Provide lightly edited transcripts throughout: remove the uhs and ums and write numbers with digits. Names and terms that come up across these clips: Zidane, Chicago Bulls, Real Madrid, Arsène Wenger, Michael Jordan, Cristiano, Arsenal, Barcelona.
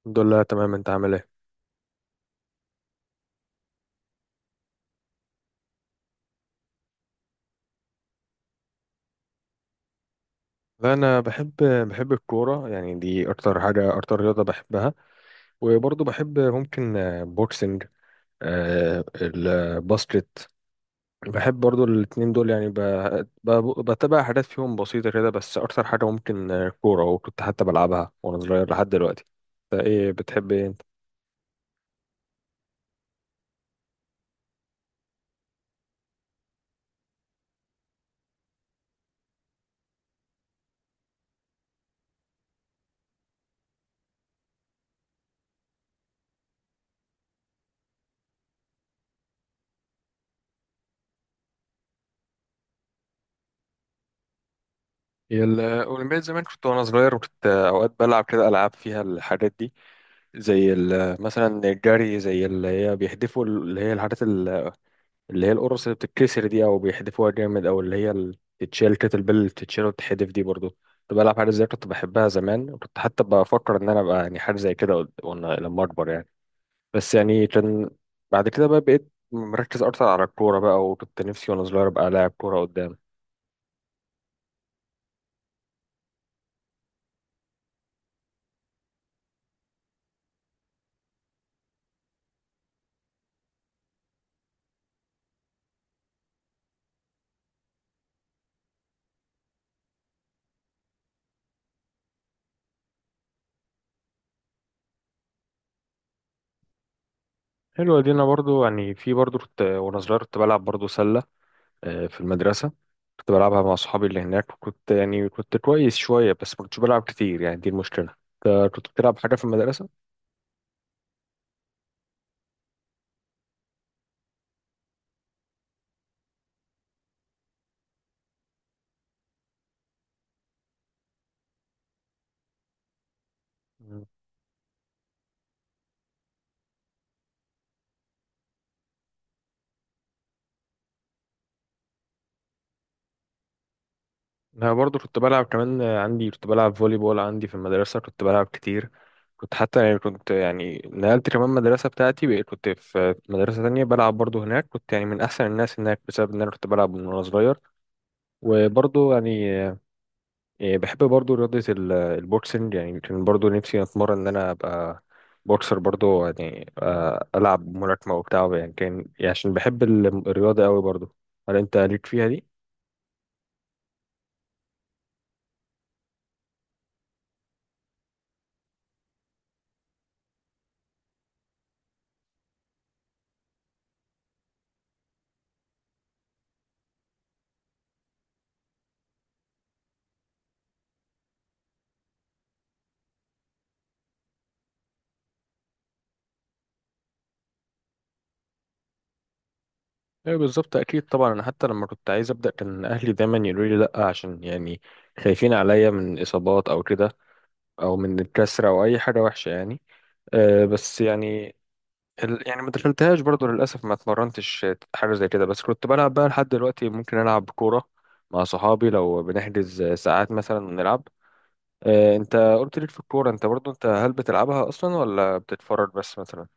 الحمد لله تمام. انت عامل ايه؟ لا، انا بحب. بحب الكوره يعني، دي اكتر حاجه، اكتر رياضه بحبها. وبرضه بحب ممكن بوكسنج، الباسكت. بحب برضه الاتنين دول يعني بتابع حاجات فيهم بسيطه كده، بس اكتر حاجه ممكن كوره، وكنت حتى بلعبها وانا صغير لحد دلوقتي. انت ايه بتحب، ايه انت؟ هي الأولمبياد زمان، كنت وأنا صغير وكنت أوقات بلعب كده ألعاب فيها الحاجات دي، زي مثلا الجري، زي اللي هي بيحدفوا اللي هي الحاجات اللي هي القرص اللي بتتكسر دي، او بيحدفوها جامد، او اللي هي اللي بتتشال، كتل بيل اللي بتتشال وتتحدف دي برضو. كنت بلعب حاجه زي، كنت بحبها زمان، وكنت حتى بفكر ان انا ابقى يعني حاجه زي كده وانا لما اكبر يعني. بس يعني كان، بعد كده بقى بقيت مركز اكتر على الكوره بقى، وكنت نفسي وانا صغير ابقى لاعب كوره قدام. حلوه دي. انا برضو يعني، في برضو كنت وانا صغير كنت بلعب برضو سله، في المدرسه. كنت بلعبها مع اصحابي اللي هناك، وكنت يعني كنت كويس شويه، بس ما كنتش بلعب كتير يعني، دي المشكله. كنت بتلعب حاجه في المدرسه؟ انا برضو كنت بلعب كمان، عندي كنت بلعب فولي بول عندي في المدرسه، كنت بلعب كتير. كنت حتى يعني، كنت يعني نقلت كمان مدرسه بتاعتي، بقيت كنت في مدرسه تانية بلعب برضو هناك، كنت يعني من احسن الناس هناك بسبب ان انا كنت بلعب من وانا صغير. وبرضو يعني بحب برضو رياضه البوكسنج يعني، كان برضو نفسي اتمرن ان انا ابقى بوكسر برضو يعني، العب ملاكمه وبتاع يعني، كان يعني عشان بحب الرياضه قوي برضو. هل انت ليك فيها دي؟ ايوه بالظبط، اكيد طبعا. انا حتى لما كنت عايز ابدا كان اهلي دايما يقولوا لي لا، عشان يعني خايفين عليا من اصابات او كده، او من الكسره او اي حاجه وحشه يعني. أه بس يعني، يعني ما دخلتهاش برضو للاسف، ما اتمرنتش حاجه زي كده. بس كنت بلعب بقى لحد دلوقتي، ممكن العب كوره مع صحابي لو بنحجز ساعات مثلا ونلعب. أه انت قلت ليك في الكوره، انت برضو انت هل بتلعبها اصلا ولا بتتفرج بس مثلا؟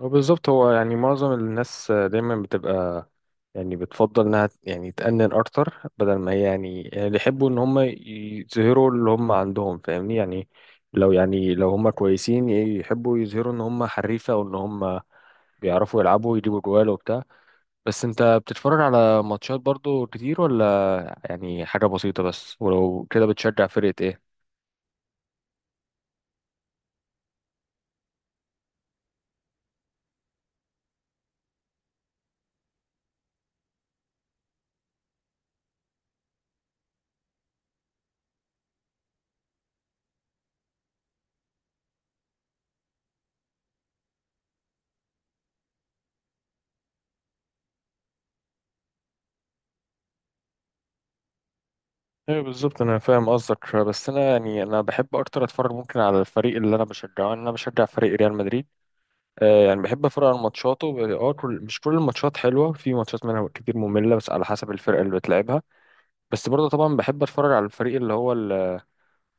هو بالظبط، هو يعني معظم الناس دايما بتبقى يعني بتفضل انها يعني تأنن اكتر، بدل ما هي يعني يعني اللي يحبوا ان هم يظهروا اللي هم عندهم، فاهمني يعني؟ لو يعني لو هم كويسين يحبوا يظهروا ان هم حريفة وان هم بيعرفوا يلعبوا ويجيبوا جوال وبتاع. بس انت بتتفرج على ماتشات برضو كتير، ولا يعني حاجة بسيطة بس؟ ولو كده، بتشجع فرقة ايه؟ ايوه بالظبط، انا فاهم قصدك. بس انا يعني انا بحب اكتر اتفرج ممكن على الفريق اللي انا بشجعه، انا بشجع فريق ريال مدريد. يعني بحب اتفرج على ماتشاته. اه، كل، مش كل الماتشات حلوه، في ماتشات منها كتير ممله، بس على حسب الفرقه اللي بتلعبها. بس برضه طبعا بحب اتفرج على الفريق اللي هو ال...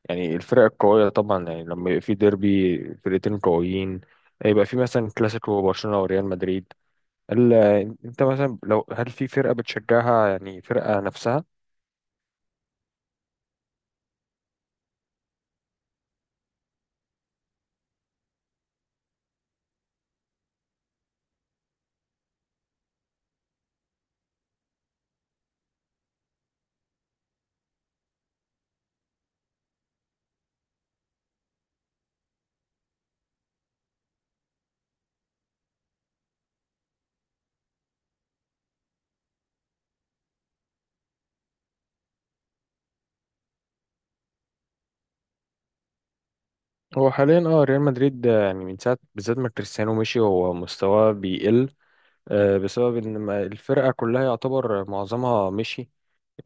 يعني الفرق القويه طبعا يعني، لما يبقى في ديربي فرقتين قويين، يبقى في مثلا كلاسيكو برشلونه وريال مدريد. ال... انت مثلا لو، هل في فرقه بتشجعها يعني، فرقه نفسها؟ هو حاليا اه ريال مدريد يعني من ساعه بالذات ما كريستيانو مشي هو مستواه بيقل، بسبب ان الفرقه كلها يعتبر معظمها مشي.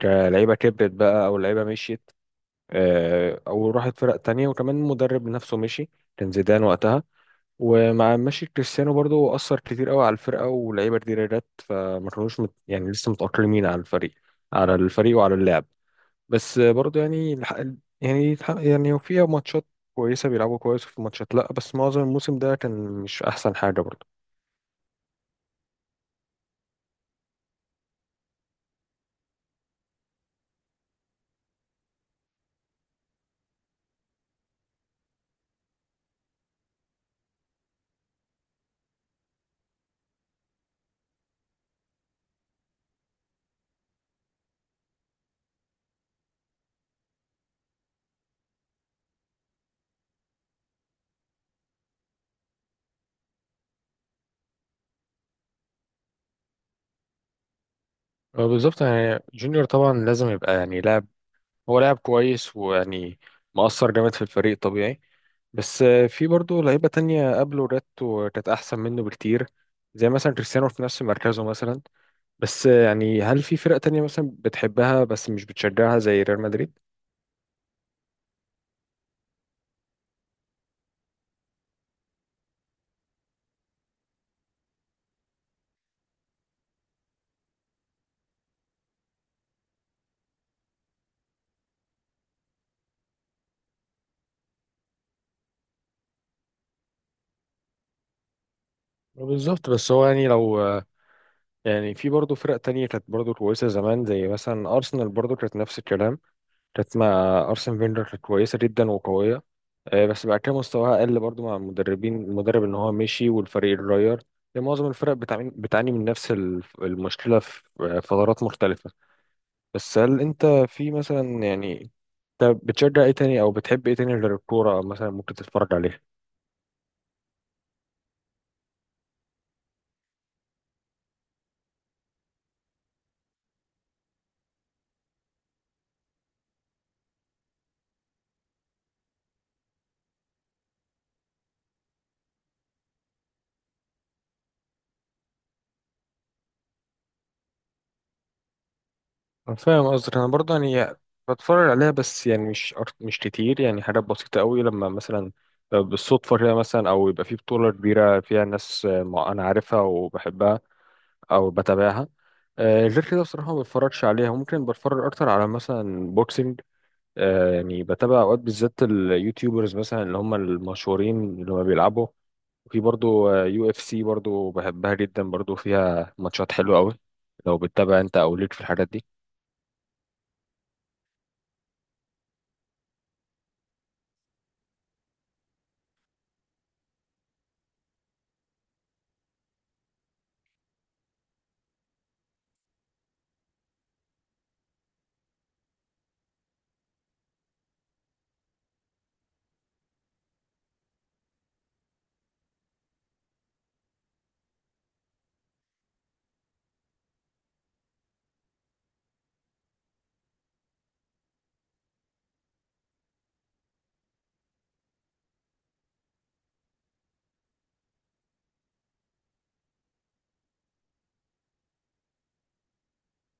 لعيبه كبرت بقى او لعيبه مشيت، او راحت فرق تانية. وكمان المدرب نفسه مشي، كان زيدان وقتها. ومع مشي كريستيانو برضو اثر كتير قوي على الفرقه، ولعيبه كتير جت فما كانوش مت يعني لسه متاقلمين على الفريق، على الفريق وعلى اللعب. بس برضو يعني يعني يعني فيها ماتشات كويسه بيلعبوا كويس، وفي ماتشات لا، بس معظم الموسم ده كان مش احسن حاجه برضو. بالظبط، يعني جونيور طبعا لازم يبقى يعني لاعب، هو لاعب كويس ويعني مؤثر جامد في الفريق طبيعي. بس في برضه لعيبة تانية قبله جت وكانت أحسن منه بكتير، زي مثلا كريستيانو في نفس مركزه مثلا. بس يعني هل في فرق تانية مثلا بتحبها بس مش بتشجعها زي ريال مدريد؟ بالظبط، بس هو يعني لو يعني في برضه فرق تانية كانت برضه كويسة زمان، زي مثلا أرسنال برضه كانت نفس الكلام، كانت مع أرسن فينجر كانت كويسة جدا وقوية. بس بعد كده مستواها قل برضو مع المدربين، المدرب إن هو مشي والفريق اتغير. يعني معظم الفرق بتعاني، بتعاني من نفس المشكلة في فترات مختلفة. بس هل أنت في مثلا يعني، أنت بتشجع إيه تاني أو بتحب إيه تاني غير الكورة مثلا، ممكن تتفرج عليها؟ أنا فاهم قصدك. انا برضه يعني بتفرج عليها، بس يعني مش مش كتير يعني، حاجات بسيطه قوي. لما مثلا بالصدفه كده مثلا، او يبقى في بطوله كبيره فيها ناس انا عارفها وبحبها او بتابعها. غير كده بصراحه ما بتفرجش عليها. ممكن بتفرج اكتر على مثلا بوكسنج، يعني بتابع اوقات بالذات اليوتيوبرز مثلا اللي هم المشهورين اللي هم بيلعبوا. وفي برضه UFC برضه بحبها جدا، برضه فيها ماتشات حلوه قوي. لو بتتابع انت، او ليك في الحاجات دي؟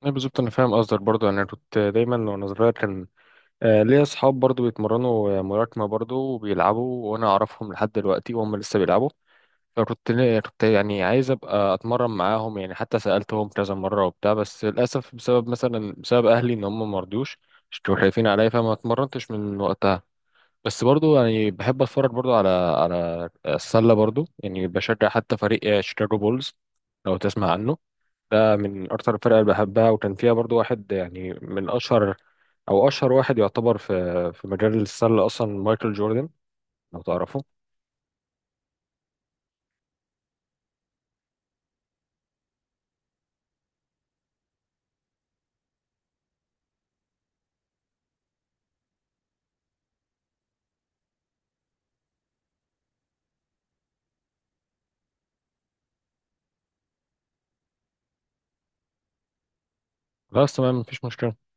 لا بالظبط انا فاهم قصدك برضو. انا كنت دايما وانا صغير كان ليا اصحاب برضو بيتمرنوا ملاكمه برضو وبيلعبوا، وانا اعرفهم لحد دلوقتي وهم لسه بيلعبوا. فكنت، كنت يعني عايز ابقى اتمرن معاهم يعني، حتى سالتهم كذا مره وبتاع، بس للاسف بسبب مثلا بسبب اهلي ان هم ما رضوش، مش كانوا خايفين عليا، فما اتمرنتش من وقتها. بس برضو يعني بحب اتفرج برضو على، على السله برضو يعني، بشجع حتى فريق شيكاغو بولز، لو تسمع عنه. ده من اكتر الفرق اللي بحبها، وكان فيها برضو واحد يعني من اشهر، او اشهر واحد يعتبر في في مجال السله اصلا، مايكل جوردن، لو تعرفه. بس تمام، مفيش مشكله.